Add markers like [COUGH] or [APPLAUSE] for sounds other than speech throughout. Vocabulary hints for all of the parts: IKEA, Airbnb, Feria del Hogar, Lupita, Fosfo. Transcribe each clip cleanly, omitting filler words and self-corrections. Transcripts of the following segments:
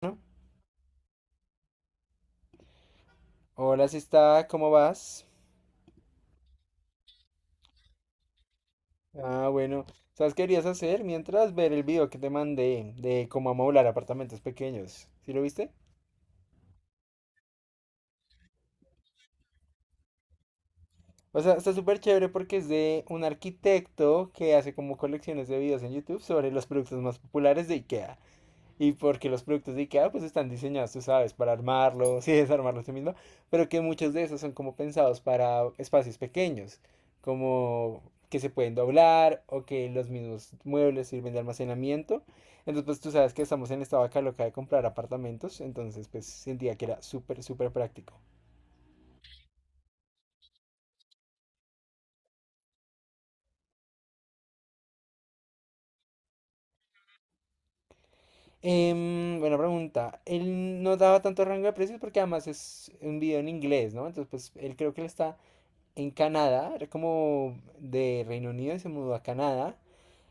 Bueno, hola, si está, ¿cómo vas? Ah, bueno, ¿sabes qué querías hacer? Mientras ver el video que te mandé de cómo amoblar apartamentos pequeños. ¿Sí lo viste? O sea, está súper chévere porque es de un arquitecto que hace como colecciones de videos en YouTube sobre los productos más populares de IKEA. Y porque los productos de IKEA pues están diseñados, tú sabes, para armarlos [LAUGHS] y desarmarlos tú mismo, pero que muchos de esos son como pensados para espacios pequeños, como que se pueden doblar o que los mismos muebles sirven de almacenamiento. Entonces pues tú sabes que estamos en esta vaca loca de comprar apartamentos, entonces pues sentía que era súper, súper práctico. Buena pregunta. Él no daba tanto rango de precios porque además es un video en inglés, ¿no? Entonces pues él creo que le está en Canadá, era como de Reino Unido y se mudó a Canadá.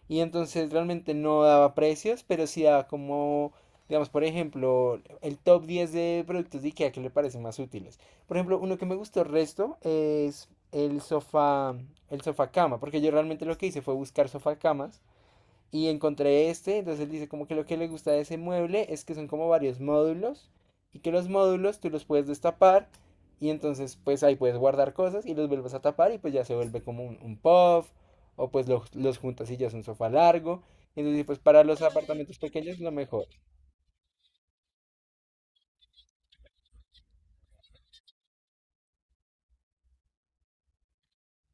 Y entonces realmente no daba precios, pero sí daba como, digamos, por ejemplo, el top 10 de productos de IKEA que le parecen más útiles. Por ejemplo, uno que me gustó el resto es el sofá cama, porque yo realmente lo que hice fue buscar sofá camas y encontré este, entonces él dice como que lo que le gusta de ese mueble es que son como varios módulos y que los módulos tú los puedes destapar y entonces pues ahí puedes guardar cosas y los vuelves a tapar y pues ya se vuelve como un puff o pues los juntas y ya es un sofá largo. Entonces pues para los apartamentos pequeños lo mejor.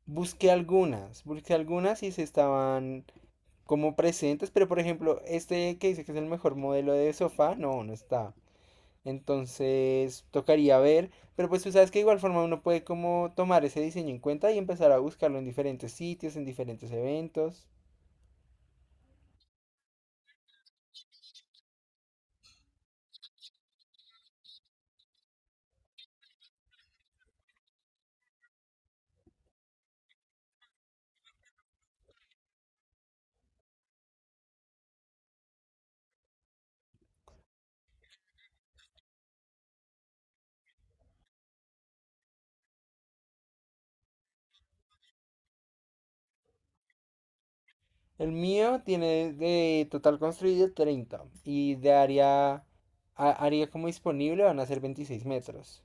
Busqué algunas y se estaban como presentes, pero por ejemplo este que dice que es el mejor modelo de sofá, no, no está. Entonces tocaría ver, pero pues tú sabes que de igual forma uno puede como tomar ese diseño en cuenta y empezar a buscarlo en diferentes sitios, en diferentes eventos. El mío tiene de total construido 30 y de área, área como disponible van a ser 26 metros.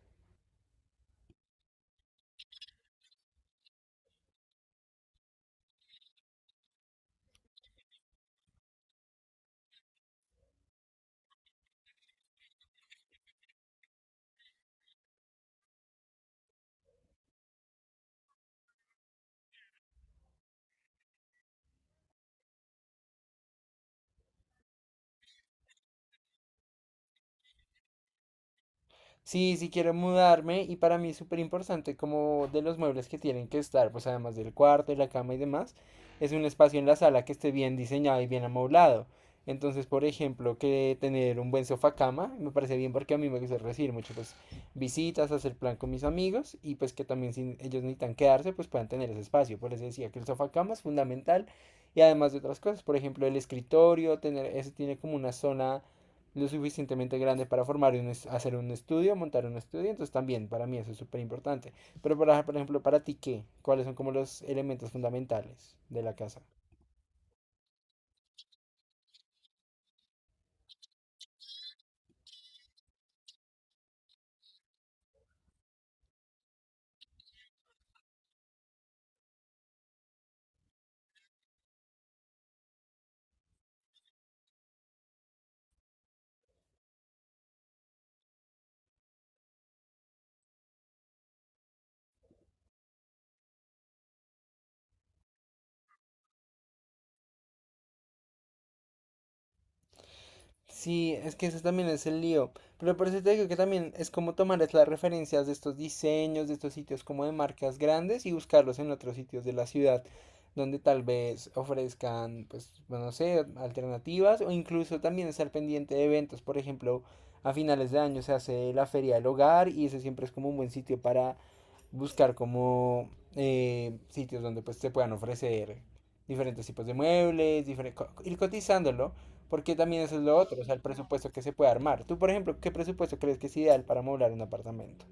Sí, sí quiero mudarme y para mí es súper importante como de los muebles que tienen que estar, pues además del cuarto, de la cama y demás, es un espacio en la sala que esté bien diseñado y bien amoblado. Entonces, por ejemplo, que tener un buen sofá cama, me parece bien porque a mí me gusta recibir mucho pues visitas, hacer plan con mis amigos y pues que también si ellos necesitan quedarse, pues puedan tener ese espacio. Por eso decía que el sofá cama es fundamental y además de otras cosas, por ejemplo, el escritorio, tener eso tiene como una zona lo suficientemente grande para formar un hacer un estudio, montar un estudio, entonces también para mí eso es súper importante. Pero para, por ejemplo, para ti, ¿qué? ¿Cuáles son como los elementos fundamentales de la casa? Sí, es que eso también es el lío. Pero por eso te digo que también es como tomar es las referencias de estos diseños, de estos sitios como de marcas grandes y buscarlos en otros sitios de la ciudad donde tal vez ofrezcan, pues, bueno, no sé, alternativas o incluso también estar pendiente de eventos. Por ejemplo, a finales de año se hace la Feria del Hogar y eso siempre es como un buen sitio para buscar como sitios donde pues se puedan ofrecer diferentes tipos de muebles, diferentes, ir cotizándolo, porque también eso es lo otro, o sea, el presupuesto que se puede armar. Tú, por ejemplo, ¿qué presupuesto crees que es ideal para moblar un apartamento?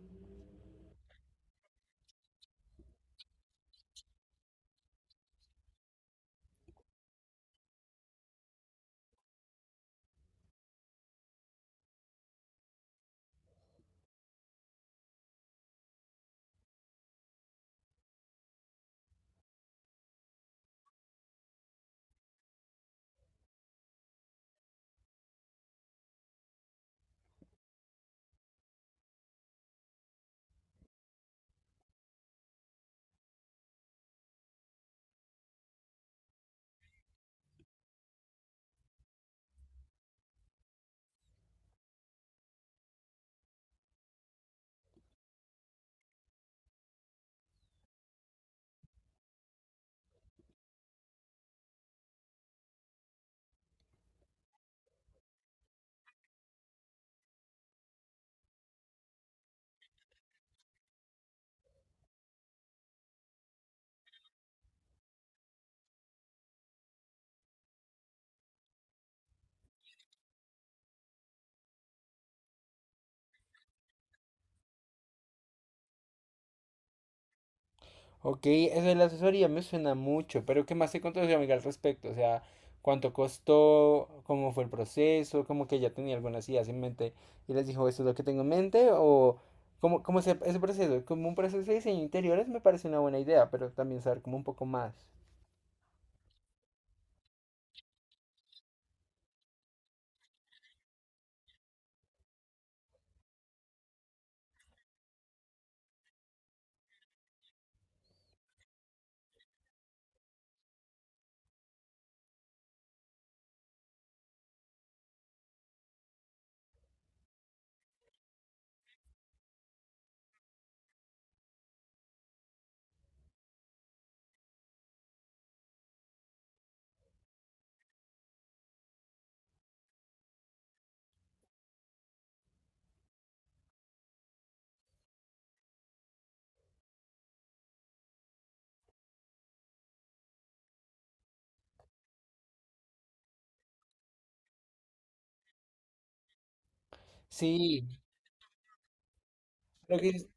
Ok, eso de la asesoría me suena mucho, pero ¿qué más te contó su amiga al respecto? O sea, ¿cuánto costó? ¿Cómo fue el proceso? ¿Cómo que ella tenía algunas ideas en mente y les dijo, esto es lo que tengo en mente? ¿O cómo ese proceso? Como un proceso de diseño de interiores me parece una buena idea, pero también saber como un poco más. Sí, creo que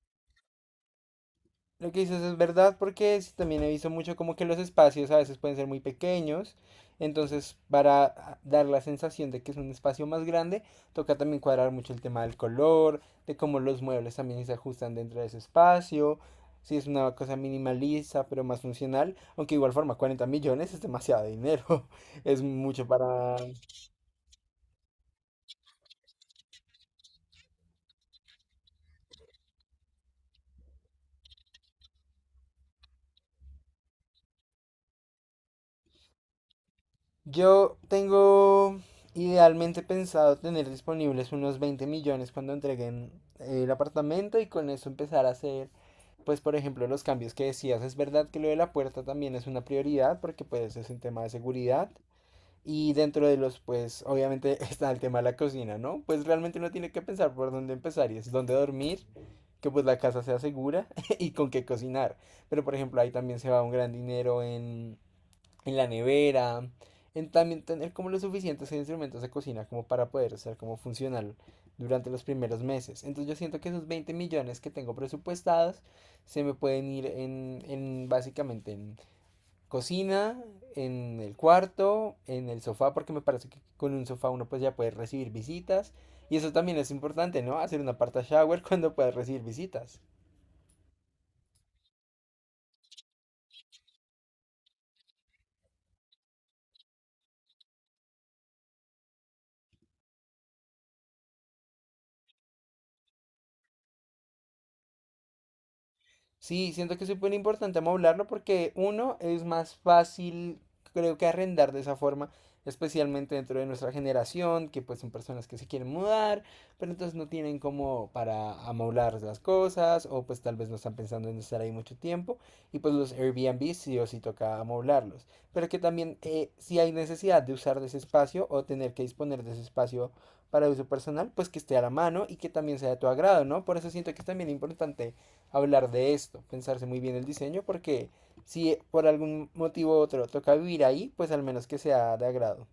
lo que dices es verdad porque sí, también he visto mucho como que los espacios a veces pueden ser muy pequeños, entonces para dar la sensación de que es un espacio más grande, toca también cuadrar mucho el tema del color, de cómo los muebles también se ajustan dentro de ese espacio, si es una cosa minimalista pero más funcional, aunque de igual forma 40 millones es demasiado dinero, [LAUGHS] es mucho para... Yo tengo idealmente pensado tener disponibles unos 20 millones cuando entreguen el apartamento y con eso empezar a hacer, pues por ejemplo, los cambios que decías. Es verdad que lo de la puerta también es una prioridad porque pues es un tema de seguridad y dentro de los, pues obviamente [LAUGHS] está el tema de la cocina, ¿no? Pues realmente uno tiene que pensar por dónde empezar y es dónde dormir, que pues la casa sea segura [LAUGHS] y con qué cocinar. Pero por ejemplo, ahí también se va un gran dinero en la nevera, en también tener como los suficientes instrumentos de cocina como para poder ser como funcional durante los primeros meses. Entonces yo siento que esos 20 millones que tengo presupuestados se me pueden ir en, básicamente en cocina, en el cuarto, en el sofá, porque me parece que con un sofá uno pues ya puede recibir visitas. Y eso también es importante, ¿no? Hacer una parta shower [LAUGHS] cuando puedas recibir visitas. Sí, siento que es súper importante hablarlo porque uno es más fácil, creo que arrendar de esa forma, especialmente dentro de nuestra generación, que pues son personas que se quieren mudar, pero entonces no tienen como para amoblar las cosas o pues tal vez no están pensando en estar ahí mucho tiempo y pues los Airbnb sí o sí toca amoblarlos, pero que también si hay necesidad de usar de ese espacio o tener que disponer de ese espacio para uso personal, pues que esté a la mano y que también sea de tu agrado, ¿no? Por eso siento que es también importante hablar de esto, pensarse muy bien el diseño, porque si por algún motivo u otro toca vivir ahí, pues al menos que sea de agrado.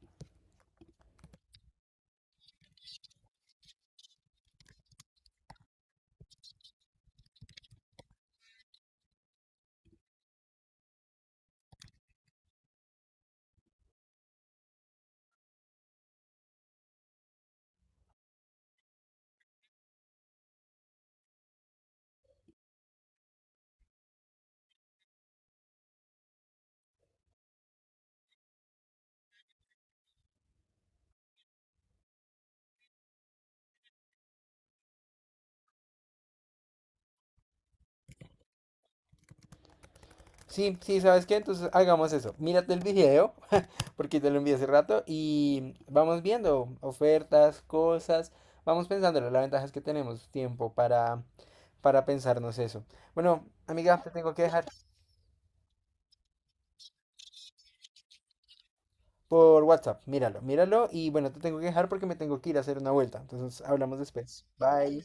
Sí, sí, ¿sabes qué? Entonces hagamos eso. Mírate el video, [LAUGHS] porque te lo envié hace rato, y vamos viendo ofertas, cosas, vamos pensándolo. La ventaja es que tenemos tiempo para pensarnos eso. Bueno, amiga, te tengo que dejar por WhatsApp. Míralo, míralo, y bueno, te tengo que dejar porque me tengo que ir a hacer una vuelta. Entonces hablamos después. Bye.